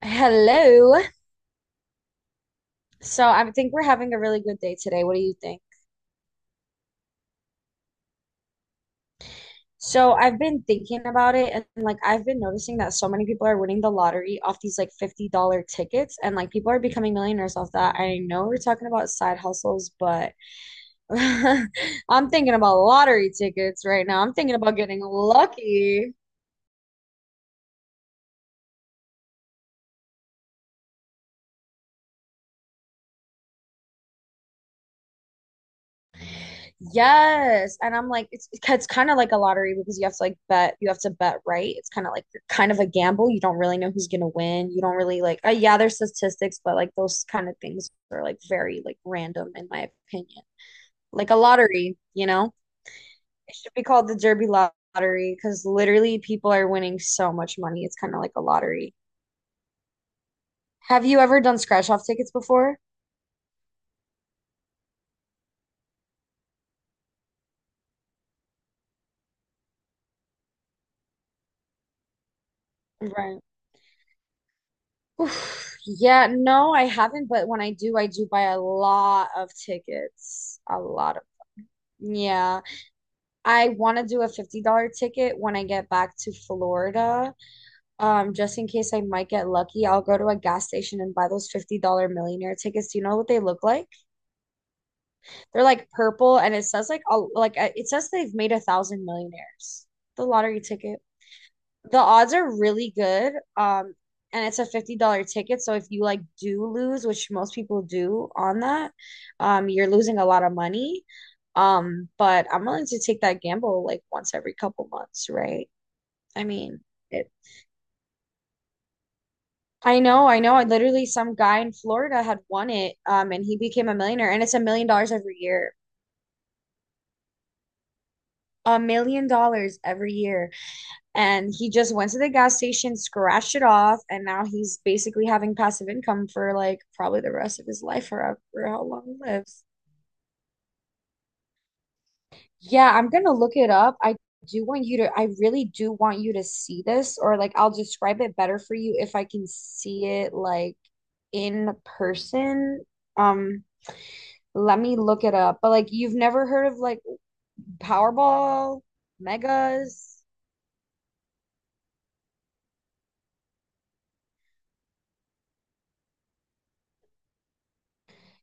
Hello. So I think we're having a really good day today. What do you think? So I've been thinking about it and like I've been noticing that so many people are winning the lottery off these like $50 tickets and like people are becoming millionaires off that. I know we're talking about side hustles, but I'm thinking about lottery tickets right now. I'm thinking about getting lucky. Yes. And I'm like, it's kind of like a lottery because you have to like bet, you have to bet right. It's kind of like kind of a gamble. You don't really know who's gonna win. You don't really like, yeah, there's statistics, but like those kind of things are like very like random in my opinion. Like a lottery, you know? It should be called the Derby Lottery because literally people are winning so much money. It's kind of like a lottery. Have you ever done scratch off tickets before? Right. Oof, yeah, no, I haven't, but when I do buy a lot of tickets. Yeah. I want to do a $50 ticket when I get back to Florida. Just in case I might get lucky, I'll go to a gas station and buy those $50 millionaire tickets. Do you know what they look like? They're like purple and it says they've made a thousand millionaires. The lottery ticket. The odds are really good. And it's a $50 ticket. So if you like do lose, which most people do on that, you're losing a lot of money. But I'm willing to take that gamble like once every couple months, right? I mean, it, I know, I know. I literally some guy in Florida had won it, and he became a millionaire, and it's $1 million every year. $1 million every year. And he just went to the gas station, scratched it off, and now he's basically having passive income for like probably the rest of his life or however how long he lives. Yeah, I'm gonna look it up. I really do want you to see this, or like I'll describe it better for you if I can see it like in person. Um, Let me look it up. But like you've never heard of like Powerball, Megas.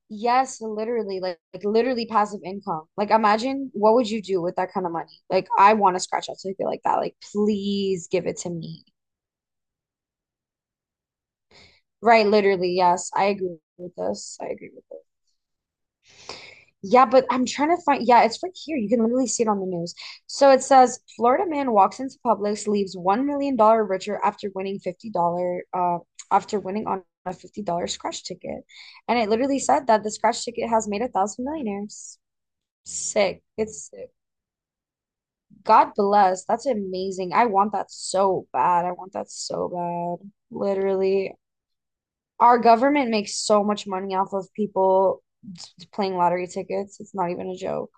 Yes, literally, like literally passive income. Like, imagine what would you do with that kind of money? Like, I want a scratch out ticket like that. Like, please give it to me. Right, literally, yes, I agree with this. I agree with this. Yeah, but I'm trying to find. Yeah, it's right here. You can literally see it on the news. So it says Florida man walks into Publix, leaves $1 million richer after winning $50 after winning on a $50 scratch ticket, and it literally said that the scratch ticket has made a thousand millionaires. Sick. It's God bless. That's amazing. I want that so bad. I want that so bad. Literally. Our government makes so much money off of people playing lottery tickets. It's not even a joke.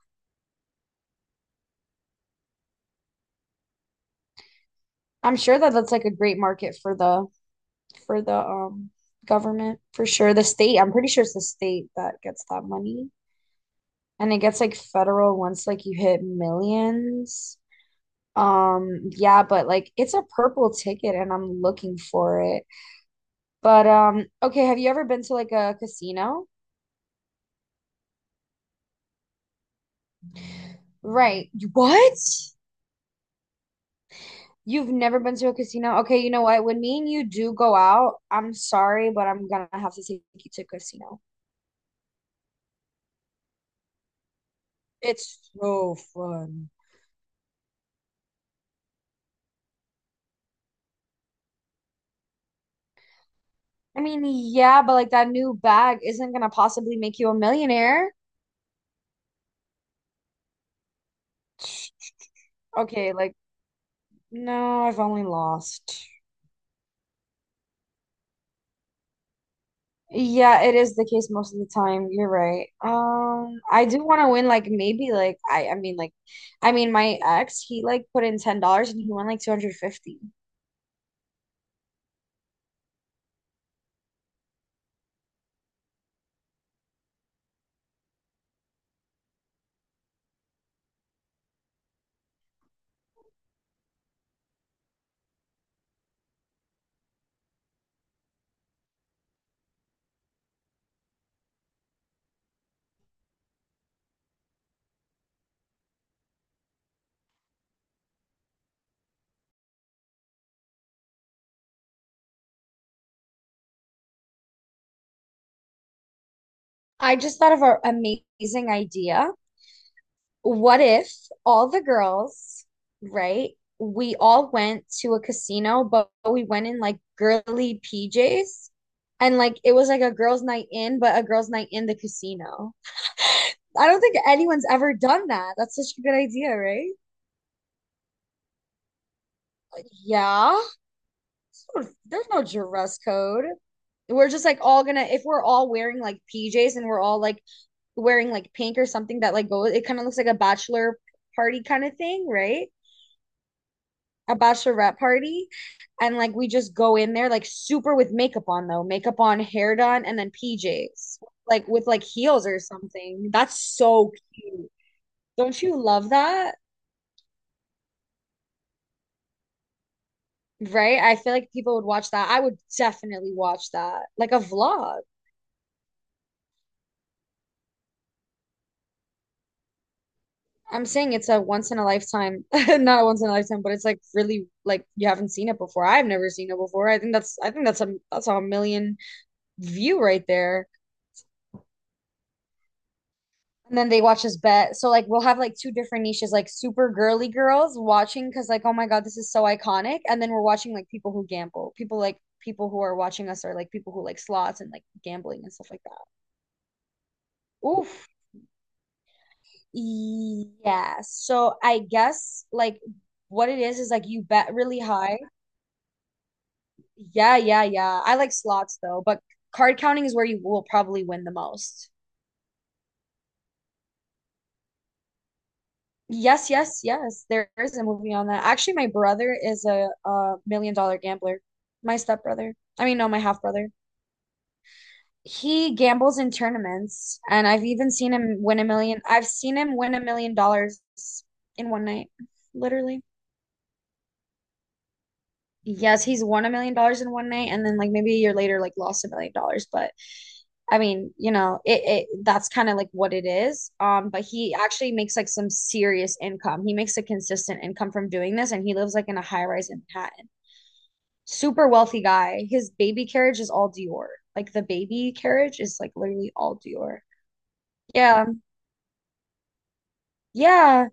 I'm sure that that's like a great market for the for the um government for sure. The state, I'm pretty sure it's the state that gets that money. And it gets like federal once like you hit millions. Yeah, but like it's a purple ticket and I'm looking for it. But okay, have you ever been to like a casino? Right. What? You've never been to a casino? Okay, you know what? When me and you do go out, I'm sorry, but I'm gonna have to take you to a casino. It's so fun. I mean, yeah, but like that new bag isn't gonna possibly make you a millionaire. Okay, like, no, I've only lost. Yeah, it is the case most of the time. You're right. I do want to win like maybe like I mean my ex, he like put in $10 and he won like 250. I just thought of an amazing idea. What if all the girls, right? We all went to a casino, but we went in like girly PJs and like it was like a girls' night in, but a girls' night in the casino. I don't think anyone's ever done that. That's such a good idea, right? Yeah, there's no dress code. We're just like all gonna, if we're all wearing like PJs and we're all like wearing like pink or something that like goes, it kind of looks like a bachelor party kind of thing, right? A bachelorette party. And like we just go in there like super with makeup on though, makeup on, hair done, and then PJs, like with like heels or something. That's so cute. Don't you love that? Right? I feel like people would watch that. I would definitely watch that, like a vlog. I'm saying it's a once in a lifetime, not a once in a lifetime, but it's like really like you haven't seen it before. I've never seen it before. I think that's a million view right there. And then they watch us bet. So like we'll have like two different niches, like super girly girls watching because like oh my God, this is so iconic. And then we're watching like people who gamble, people like people who are watching us are like people who like slots and like gambling and stuff like that. Oof. Yeah. So I guess like what it is like you bet really high. Yeah, yeah, yeah. I like slots though, but card counting is where you will probably win the most. Yes, yes, yes. There is a movie on that. Actually, my brother is a million dollar gambler. My stepbrother. I mean, no, my half brother. He gambles in tournaments, and I've even seen him win a million. I've seen him win $1 million in one night, literally. Yes, he's won $1 million in one night, and then like maybe a year later, like lost $1 million. But I mean, you know, it that's kind of like what it is. But he actually makes like some serious income. He makes a consistent income from doing this, and he lives like in a high rise in Manhattan. Super wealthy guy. His baby carriage is all Dior. Like the baby carriage is like literally all Dior. Yeah, yeah.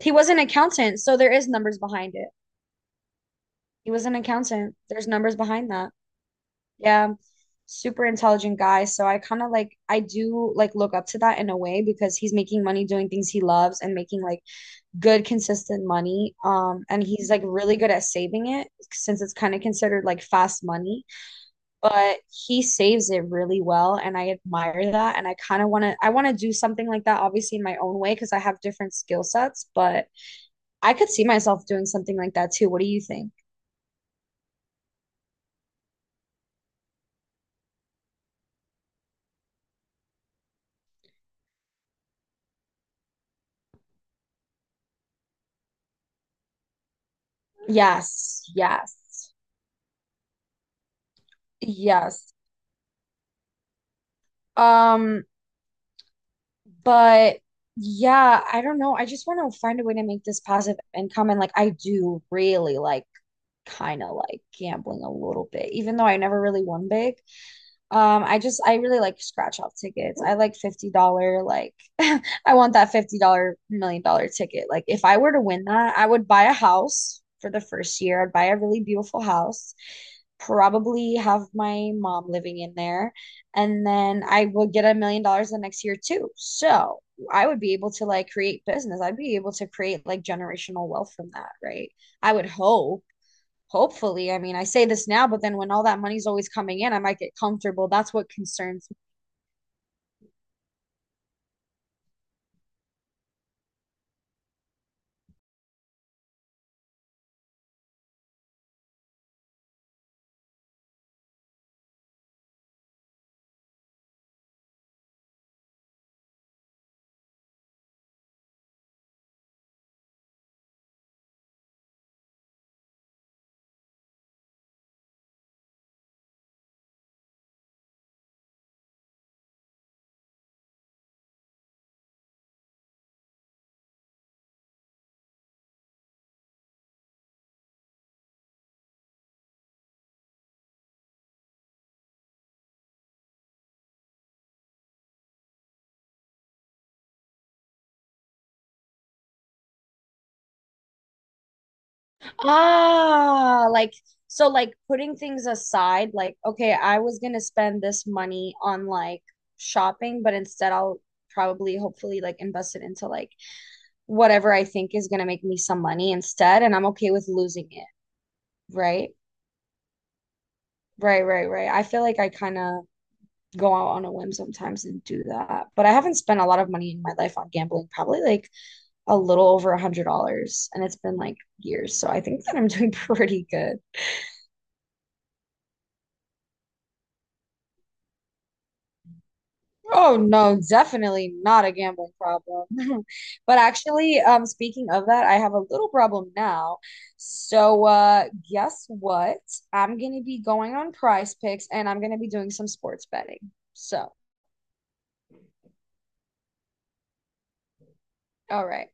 He was an accountant, so there is numbers behind it. He was an accountant. There's numbers behind that. Yeah. Super intelligent guy. So I kind of like I do like look up to that in a way because he's making money doing things he loves and making like good consistent money. And he's like really good at saving it since it's kind of considered like fast money, but he saves it really well and I admire that and I want to do something like that obviously in my own way because I have different skill sets, but I could see myself doing something like that too. What do you think? Yes, yes. Yes. Um, But yeah, I don't know. I just want to find a way to make this passive income. And like, I do really like kind of like gambling a little bit, even though I never really won big. I really like scratch off tickets. I like $50 like I want that $50 million dollar ticket. Like if I were to win that, I would buy a house for the first year. I'd buy a really beautiful house. Probably have my mom living in there, and then I would get $1 million the next year too. So I would be able to like create business. I'd be able to create like generational wealth from that, right? I would hope. Hopefully, I mean, I say this now, but then when all that money's always coming in, I might get comfortable. That's what concerns me. Ah, like so like putting things aside, like okay, I was gonna spend this money on like shopping, but instead I'll probably hopefully like invest it into like whatever I think is gonna make me some money instead, and I'm okay with losing it, right? Right, right, right. I feel like I kind of go out on a whim sometimes and do that. But I haven't spent a lot of money in my life on gambling, probably like a little over $100, and it's been like years, so I think that I'm doing pretty good. Oh no, definitely not a gambling problem. But actually, speaking of that, I have a little problem now. So, guess what? I'm gonna be going on Prize Picks, and I'm gonna be doing some sports betting. So, all right.